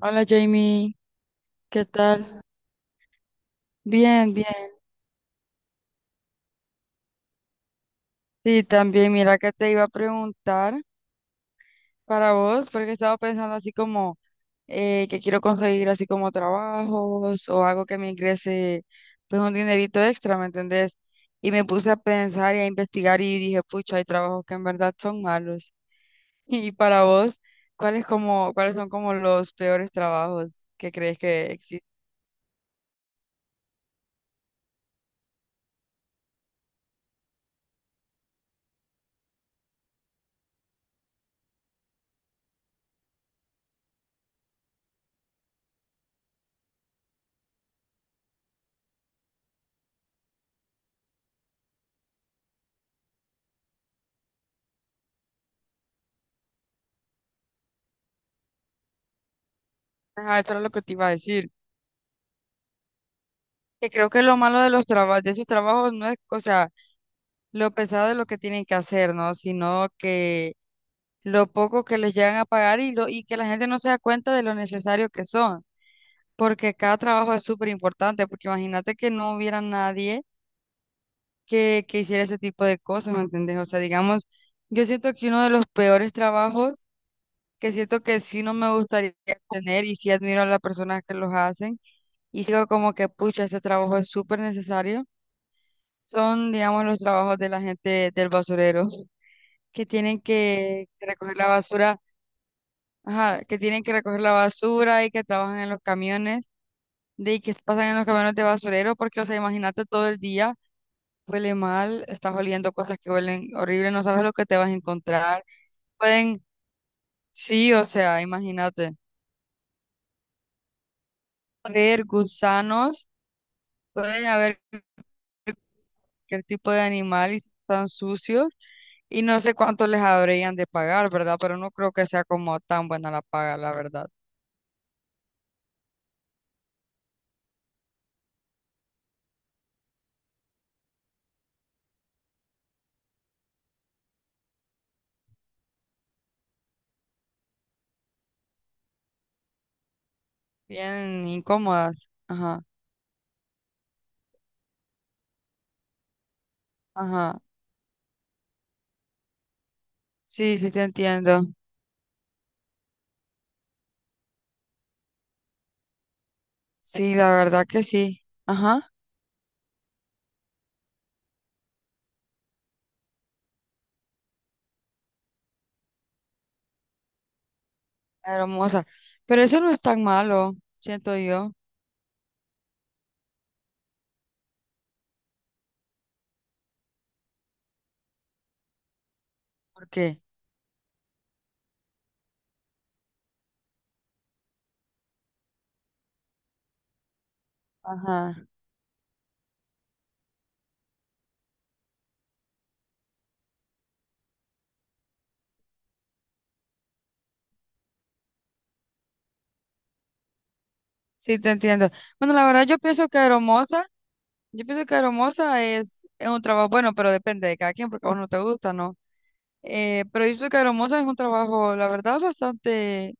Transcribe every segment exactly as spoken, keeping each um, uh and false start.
Hola Jamie, ¿qué tal? Bien, bien. Sí, también mira que te iba a preguntar para vos, porque estaba pensando así como eh, que quiero conseguir así como trabajos o algo que me ingrese pues un dinerito extra, ¿me entendés? Y me puse a pensar y a investigar y dije, pucha, hay trabajos que en verdad son malos. Y para vos, ¿cuáles como, cuáles son como los peores trabajos que crees que existen? Ajá, eso era lo que te iba a decir. Que creo que lo malo de los trabajos, de esos trabajos no es, o sea, lo pesado de lo que tienen que hacer, ¿no? Sino que lo poco que les llegan a pagar y, lo, y que la gente no se da cuenta de lo necesario que son, porque cada trabajo es súper importante, porque imagínate que no hubiera nadie que, que hiciera ese tipo de cosas, ¿me entendés? O sea, digamos, yo siento que uno de los peores trabajos, que siento que sí no me gustaría tener y sí admiro a las personas que los hacen, y sigo como que, pucha, este trabajo es súper necesario, son, digamos, los trabajos de la gente del basurero, que tienen que, que recoger la basura, ajá, que tienen que recoger la basura y que trabajan en los camiones, de y que pasan en los camiones de basurero, porque, o sea, imagínate todo el día, huele mal, estás oliendo cosas que huelen horrible, no sabes lo que te vas a encontrar. Pueden, sí, o sea, imagínate, haber gusanos, pueden haber cualquier tipo de animal y están sucios. Y no sé cuánto les habrían de pagar, ¿verdad? Pero no creo que sea como tan buena la paga, la verdad. Bien incómodas. Ajá. Ajá. Sí, sí te entiendo. Sí, la verdad que sí. Ajá. Hermosa. Pero eso no es tan malo, siento yo. ¿Por qué? Ajá. Sí, te entiendo. Bueno, la verdad yo pienso que hermosa, yo pienso que hermosa es, es un trabajo bueno, pero depende de cada quien, porque a vos no te gusta, ¿no? Eh, pero yo pienso que hermosa es un trabajo, la verdad, bastante,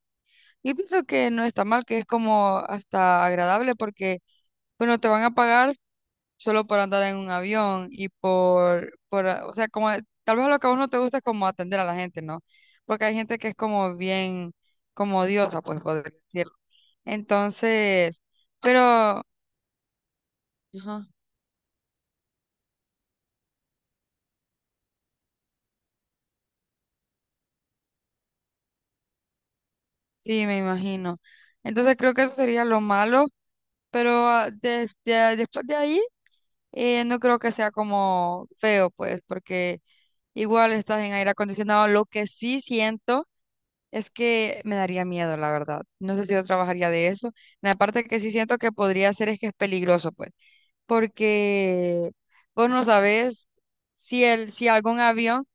yo pienso que no está mal, que es como hasta agradable, porque, bueno, te van a pagar solo por andar en un avión y por, por, ah, o sea, como eh, tal vez lo que a vos no te gusta es como atender a la gente, ¿no? Porque hay gente que es como bien, como odiosa, pues poder decirlo. Entonces, pero, ajá. Sí, me imagino. Entonces creo que eso sería lo malo, pero ah, des- de- después de ahí eh, no creo que sea como feo, pues, porque igual estás en aire acondicionado. Lo que sí siento. Es que me daría miedo, la verdad. No sé si yo trabajaría de eso. La parte que sí siento que podría hacer es que es peligroso, pues, porque vos no sabes si el, si algún avión,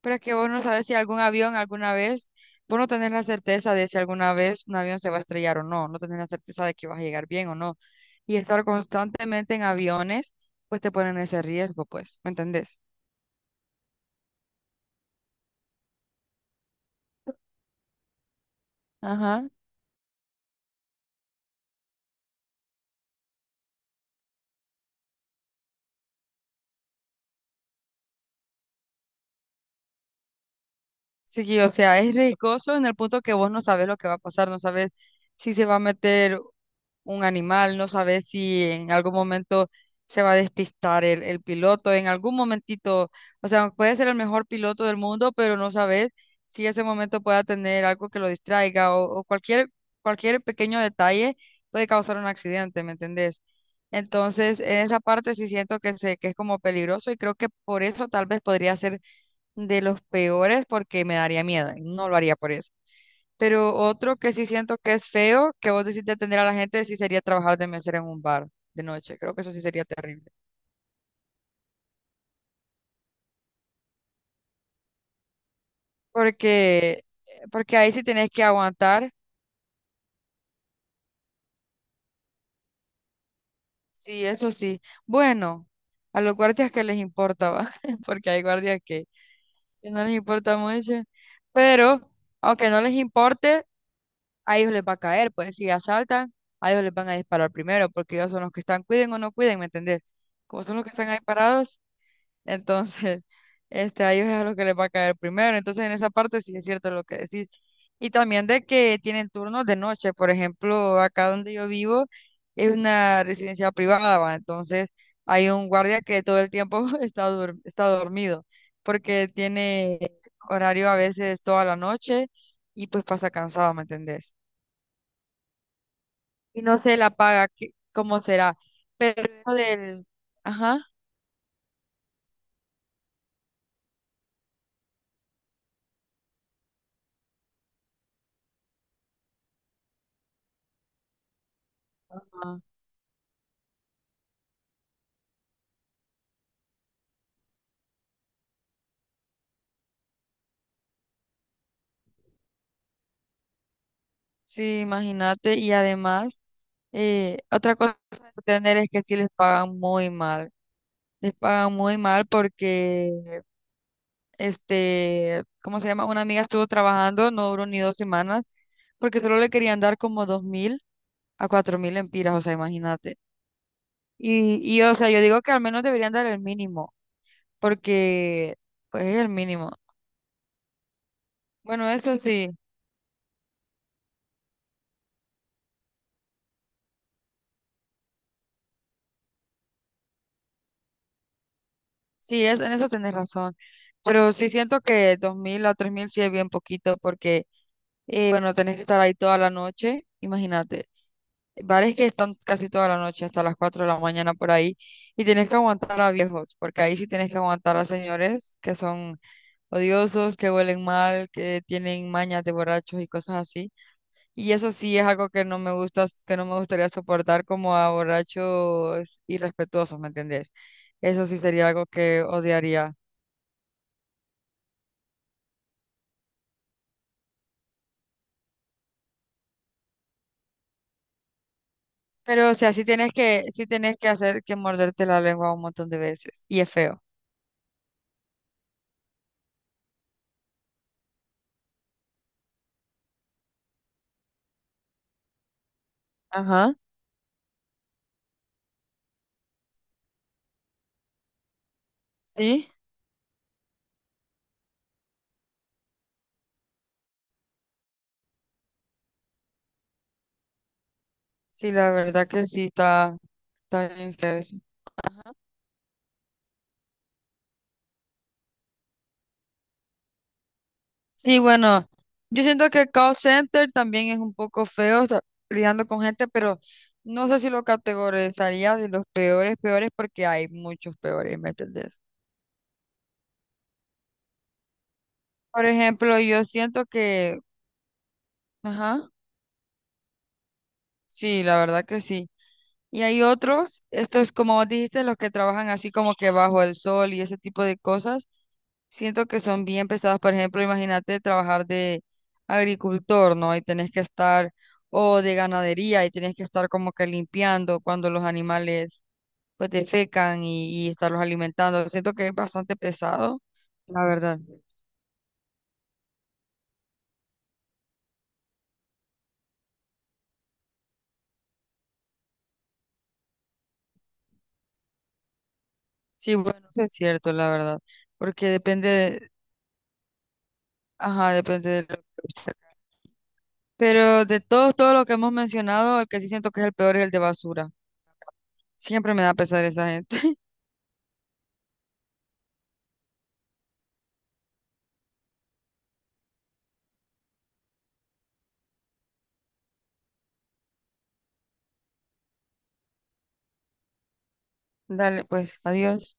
pero es que vos no sabes si algún avión alguna vez, vos no tenés la certeza de si alguna vez un avión se va a estrellar o no, no tenés la certeza de que vas a llegar bien o no. Y estar constantemente en aviones, pues te ponen ese riesgo, pues, ¿me entendés? Ajá. Sí, o sea, es riesgoso en el punto que vos no sabes lo que va a pasar, no sabes si se va a meter un animal, no sabes si en algún momento se va a despistar el, el piloto, en algún momentito, o sea, puede ser el mejor piloto del mundo, pero no sabes si ese momento pueda tener algo que lo distraiga o, o cualquier, cualquier pequeño detalle puede causar un accidente, ¿me entendés? Entonces, en esa parte sí siento que, se, que es como peligroso y creo que por eso tal vez podría ser de los peores porque me daría miedo, y no lo haría por eso. Pero otro que sí siento que es feo, que vos decís de atender a la gente, sí sería trabajar de mesera en un bar de noche. Creo que eso sí sería terrible. Porque, porque ahí sí tenés que aguantar, sí, eso sí. Bueno, a los guardias que les importa, ¿va? Porque hay guardias que, que no les importa mucho. Pero, aunque no les importe, a ellos les va a caer, pues si asaltan, a ellos les van a disparar primero, porque ellos son los que están, cuiden o no cuiden, ¿me entendés? Como son los que están ahí parados, entonces este, a ellos es a los que les va a caer primero. Entonces en esa parte sí es cierto lo que decís. Y también de que tienen turnos de noche, por ejemplo, acá donde yo vivo es una residencia privada, ¿va? Entonces hay un guardia que todo el tiempo está, dur- está dormido, porque tiene horario a veces toda la noche y pues pasa cansado, ¿me entendés? Y no sé la paga, qué- cómo será. Pero eso del, ajá, ajá, sí, imagínate, y además, eh, otra cosa que tener es que sí les pagan muy mal, les pagan muy mal porque, este, ¿cómo se llama? Una amiga estuvo trabajando, no duró ni dos semanas, porque solo le querían dar como dos mil a cuatro mil empiras, o sea, imagínate. Y, y, o sea, yo digo que al menos deberían dar el mínimo, porque, pues, es el mínimo. Bueno, eso sí. Sí, es, en eso tenés razón. Pero sí siento que dos mil a tres mil sí es bien poquito porque, eh, bueno, tenés que estar ahí toda la noche. Imagínate, bares que están casi toda la noche hasta las cuatro de la mañana por ahí y tenés que aguantar a viejos, porque ahí sí tenés que aguantar a señores que son odiosos, que huelen mal, que tienen mañas de borrachos y cosas así. Y eso sí es algo que no me gusta, que no me gustaría soportar como a borrachos irrespetuosos, ¿me entendés? Eso sí sería algo que odiaría. Pero, o sea, sí tienes que, sí tienes que hacer que morderte la lengua un montón de veces. Y es feo. Ajá. Sí, sí, la verdad que sí, está, está bien feo eso. Sí, bueno, yo siento que call center también es un poco feo, o sea, lidiando con gente, pero no sé si lo categorizaría de los peores, peores, porque hay muchos peores, ¿me entendés? Por ejemplo, yo siento que, ajá, sí, la verdad que sí. Y hay otros, estos como vos dijiste, los que trabajan así como que bajo el sol y ese tipo de cosas, siento que son bien pesados. Por ejemplo, imagínate trabajar de agricultor, ¿no? Y tenés que estar, o de ganadería, y tenés que estar como que limpiando cuando los animales pues defecan y, y estarlos alimentando. Siento que es bastante pesado, la verdad. Sí, bueno, eso es cierto, la verdad. Porque depende, de- ajá, depende de lo que usted. Pero de todos, todo lo que hemos mencionado, el que sí siento que es el peor es el de basura. Siempre me da pesar esa gente. Dale, pues, adiós.